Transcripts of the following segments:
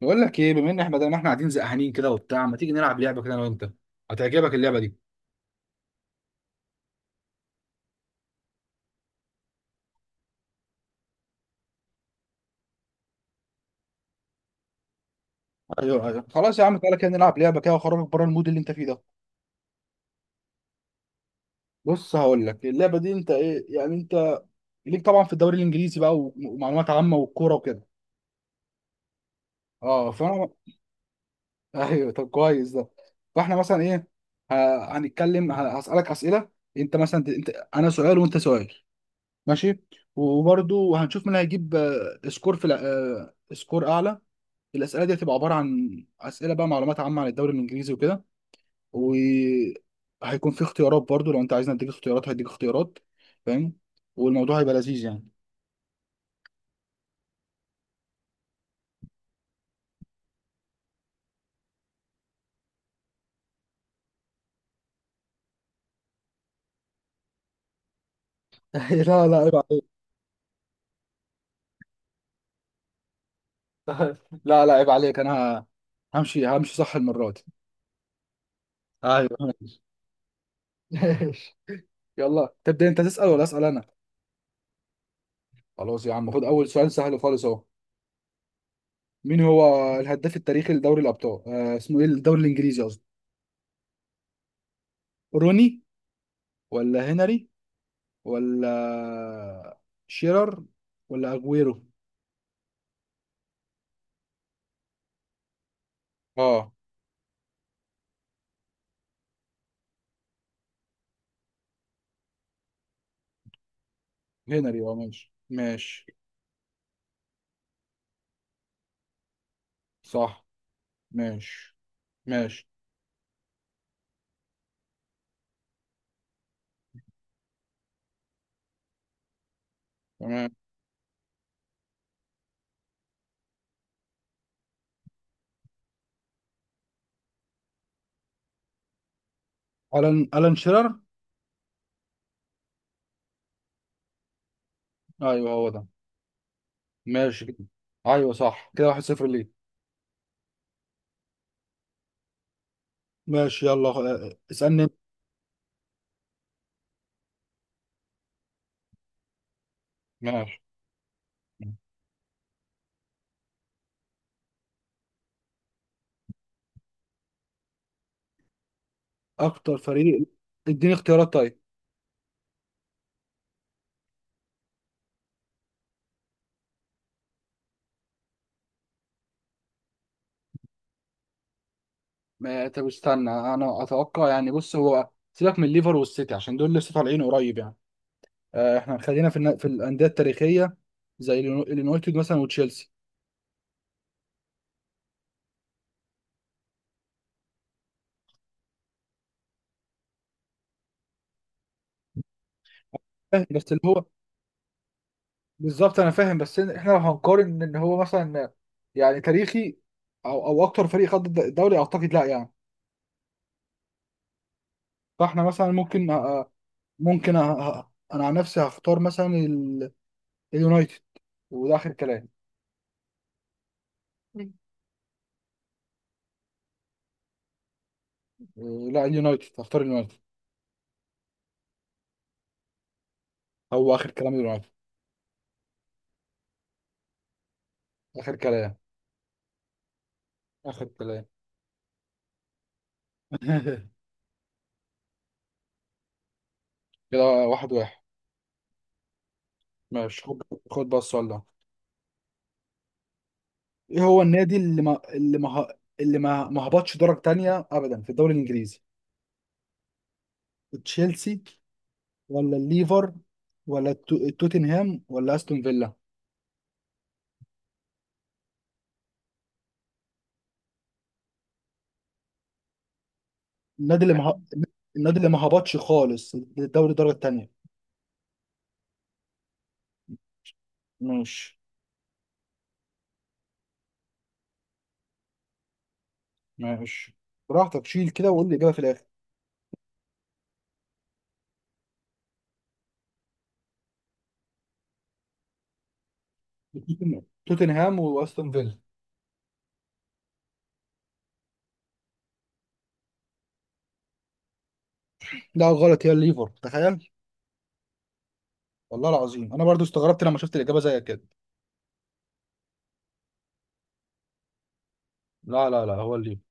بقول لك ايه، بما ان احنا بدل ما احنا قاعدين زهقانين كده وبتاع، ما تيجي نلعب لعبه كده انا وانت. هتعجبك اللعبه دي. ايوه ايوه خلاص يا عم، تعالى كده نلعب لعبه كده واخرجك بره المود اللي انت فيه ده. بص، هقول لك اللعبه دي، انت ايه يعني؟ انت ليك طبعا في الدوري الانجليزي بقى، وم- ومعلومات عامه والكوره وكده. اه فانا ايوه طب كويس ده. فاحنا مثلا ايه؟ هنتكلم، هسالك اسئله. انت مثلا انت، انا سؤال وانت سؤال، ماشي؟ وبرده هنشوف مين هيجيب سكور في سكور اعلى. الاسئله دي هتبقى عباره عن اسئله بقى، معلومات عامه عن الدوري الانجليزي وكده، وهيكون في اختيارات برضو. لو انت عايزني اديك اختيارات هديك اختيارات، فاهم؟ والموضوع هيبقى لذيذ يعني. لا لا، عيب عليك. لا لا عيب عليك، انا همشي همشي صح المره دي. ايوه ماشي. ماشي. يلا، تبدا انت تسال ولا اسال انا؟ خلاص يا عم، خد اول سؤال سهل خالص اهو. مين هو الهداف التاريخي لدوري الابطال، اسمه ايه، الدوري الانجليزي قصدي؟ روني، ولا هنري، ولا شيرر، ولا اجويرو؟ اه، هنري. اه، ماشي ماشي. صح. ماشي ماشي. تمام. الان الان شيرر. ايوه هو ده. ماشي كده. ايوه صح كده، 1-0 ليه. ماشي يلا، اسالني انت. ماشي. اكتر فريق. اديني اختيارات طيب. ما طب استنى، انا اتوقع يعني. بص، هو سيبك من الليفر والسيتي عشان دول لسه طالعين قريب يعني. احنا خلينا في الانديه التاريخيه، زي اليونايتد مثلا وتشيلسي. فاهم، بس اللي هو بالظبط. انا فاهم، بس إن احنا لو هنقارن ان هو مثلا يعني تاريخي، او او اكتر فريق خد الدوري، اعتقد لا يعني. فاحنا مثلا ممكن انا عن نفسي هختار مثلا اليونايتد، وده اخر كلام. مم. إيه، لا، اليونايتد، هختار اليونايتد. هو اخر كلام، اليونايتد. اخر كلام. اخر كلام. كده واحد واحد. ماشي خد. خد بقى السؤال ده. ايه هو النادي اللي ما هبطش درجة تانية ابدا في الدوري الانجليزي؟ تشيلسي، ولا الليفر، ولا توتنهام، ولا استون فيلا؟ النادي اللي ما. النادي اللي ما هبطش خالص للدوري الدرجه الثانيه. ماشي. ماشي براحتك، شيل كده وقول لي الاجابه في الاخر. توتنهام واستون فيلا. لا غلط، هي الليفر، تخيل. والله العظيم انا برضو استغربت لما شفت الاجابه زي كده. لا لا لا، هو الليفر.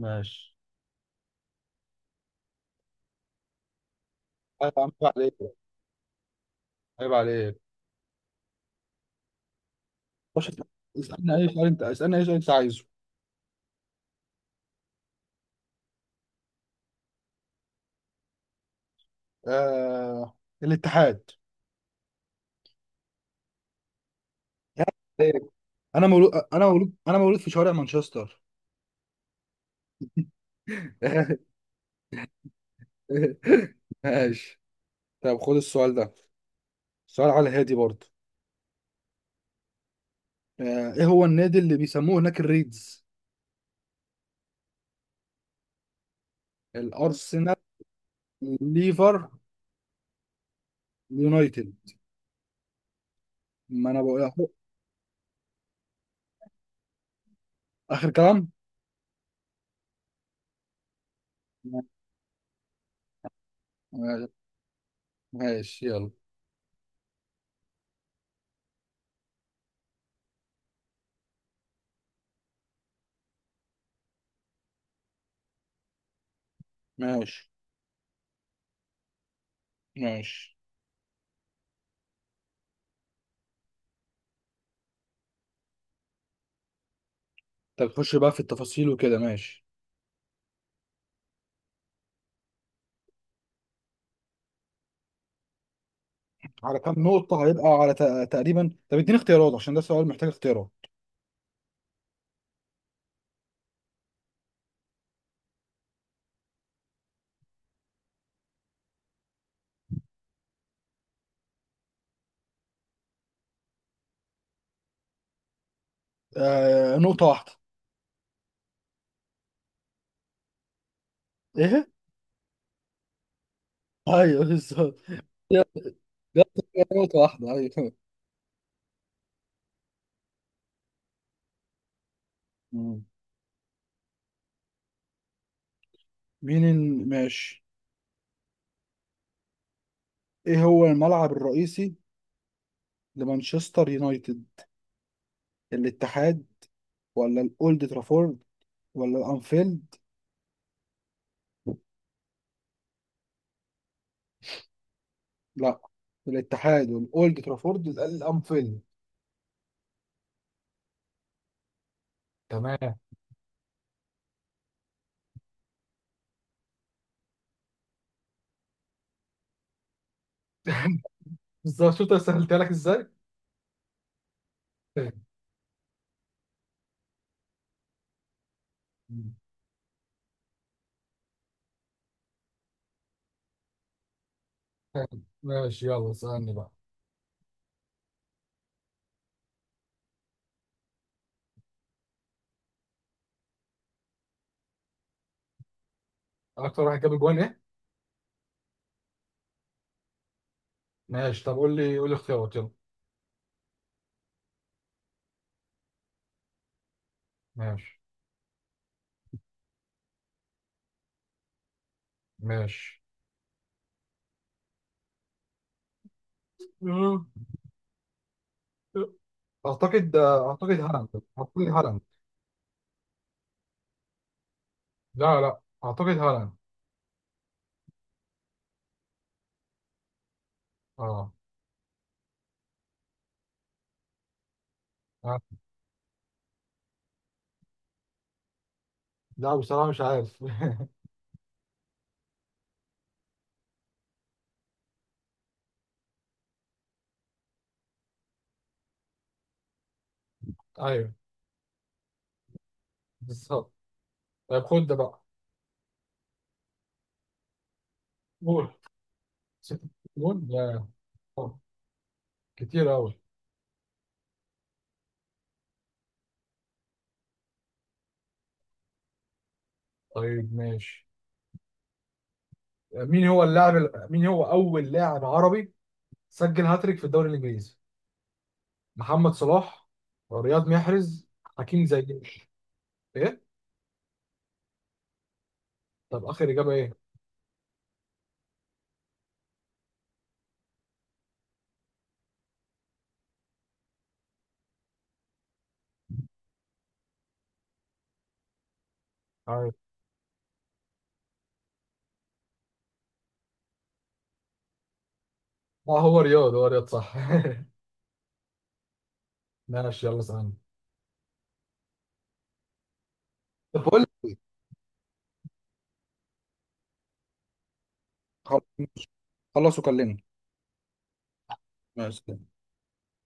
ماشي. عيب عليك. عيب عليك. خش. اسالني اي سؤال انت، اسالني اي سؤال انت عايزه. آه... الاتحاد. انا مولود، انا مولود، انا مولود في شوارع مانشستر. ماشي. طب خد السؤال ده، سؤال على هادي برضه. ايه هو النادي اللي بيسموه هناك الريدز؟ الارسنال، ليفر، اليونايتد. ما انا بقول أهو. اخر كلام. ماشي يلا. ماشي ماشي. طب خش بقى في التفاصيل وكده، ماشي. على كام نقطة؟ هيبقى على تقريبا. طب اديني اختيارات عشان ده سؤال محتاج اختيارات. آه، نقطة واحدة. ايه؟ ايوه بالظبط. جت. نقطة واحدة، أيوة. مم. ماشي. ايه هو الملعب الرئيسي لمانشستر يونايتد؟ الاتحاد، ولا الاولد ترافورد، ولا الانفيلد؟ لا، الاتحاد والاولد ترافورد، يبقى الانفيلد. تمام. بالظبط، شفت أنا سهلتها لك إزاي؟ فاهم. فاهم. ماشي يلا، اسألني بقى. أكتر واحد جاب جوان إيه؟ ماشي طب قول لي، قول لي اختيارات يلا. ماشي. ماشي. أعتقد أعتقد هالاند. أعتقد هالاند. لا لا، أعتقد هالاند. أه. آه. لا بصراحة مش عارف. ايوه بالظبط. طيب خد ده بقى. قول. 6 جون يا. آه، كتير أوي. طيب ماشي. مين هو اللاعب مين هو أول لاعب عربي سجل هاتريك في الدوري الإنجليزي؟ محمد صلاح، رياض محرز، حكيم زياش؟ إيه؟ طب آخر إجابة إيه؟ عارف. اه هو رياض، هو رياض صح. ماشي يلا اسألني. طب بقول لك إيه، خل- خلص وكلمني. ماشي.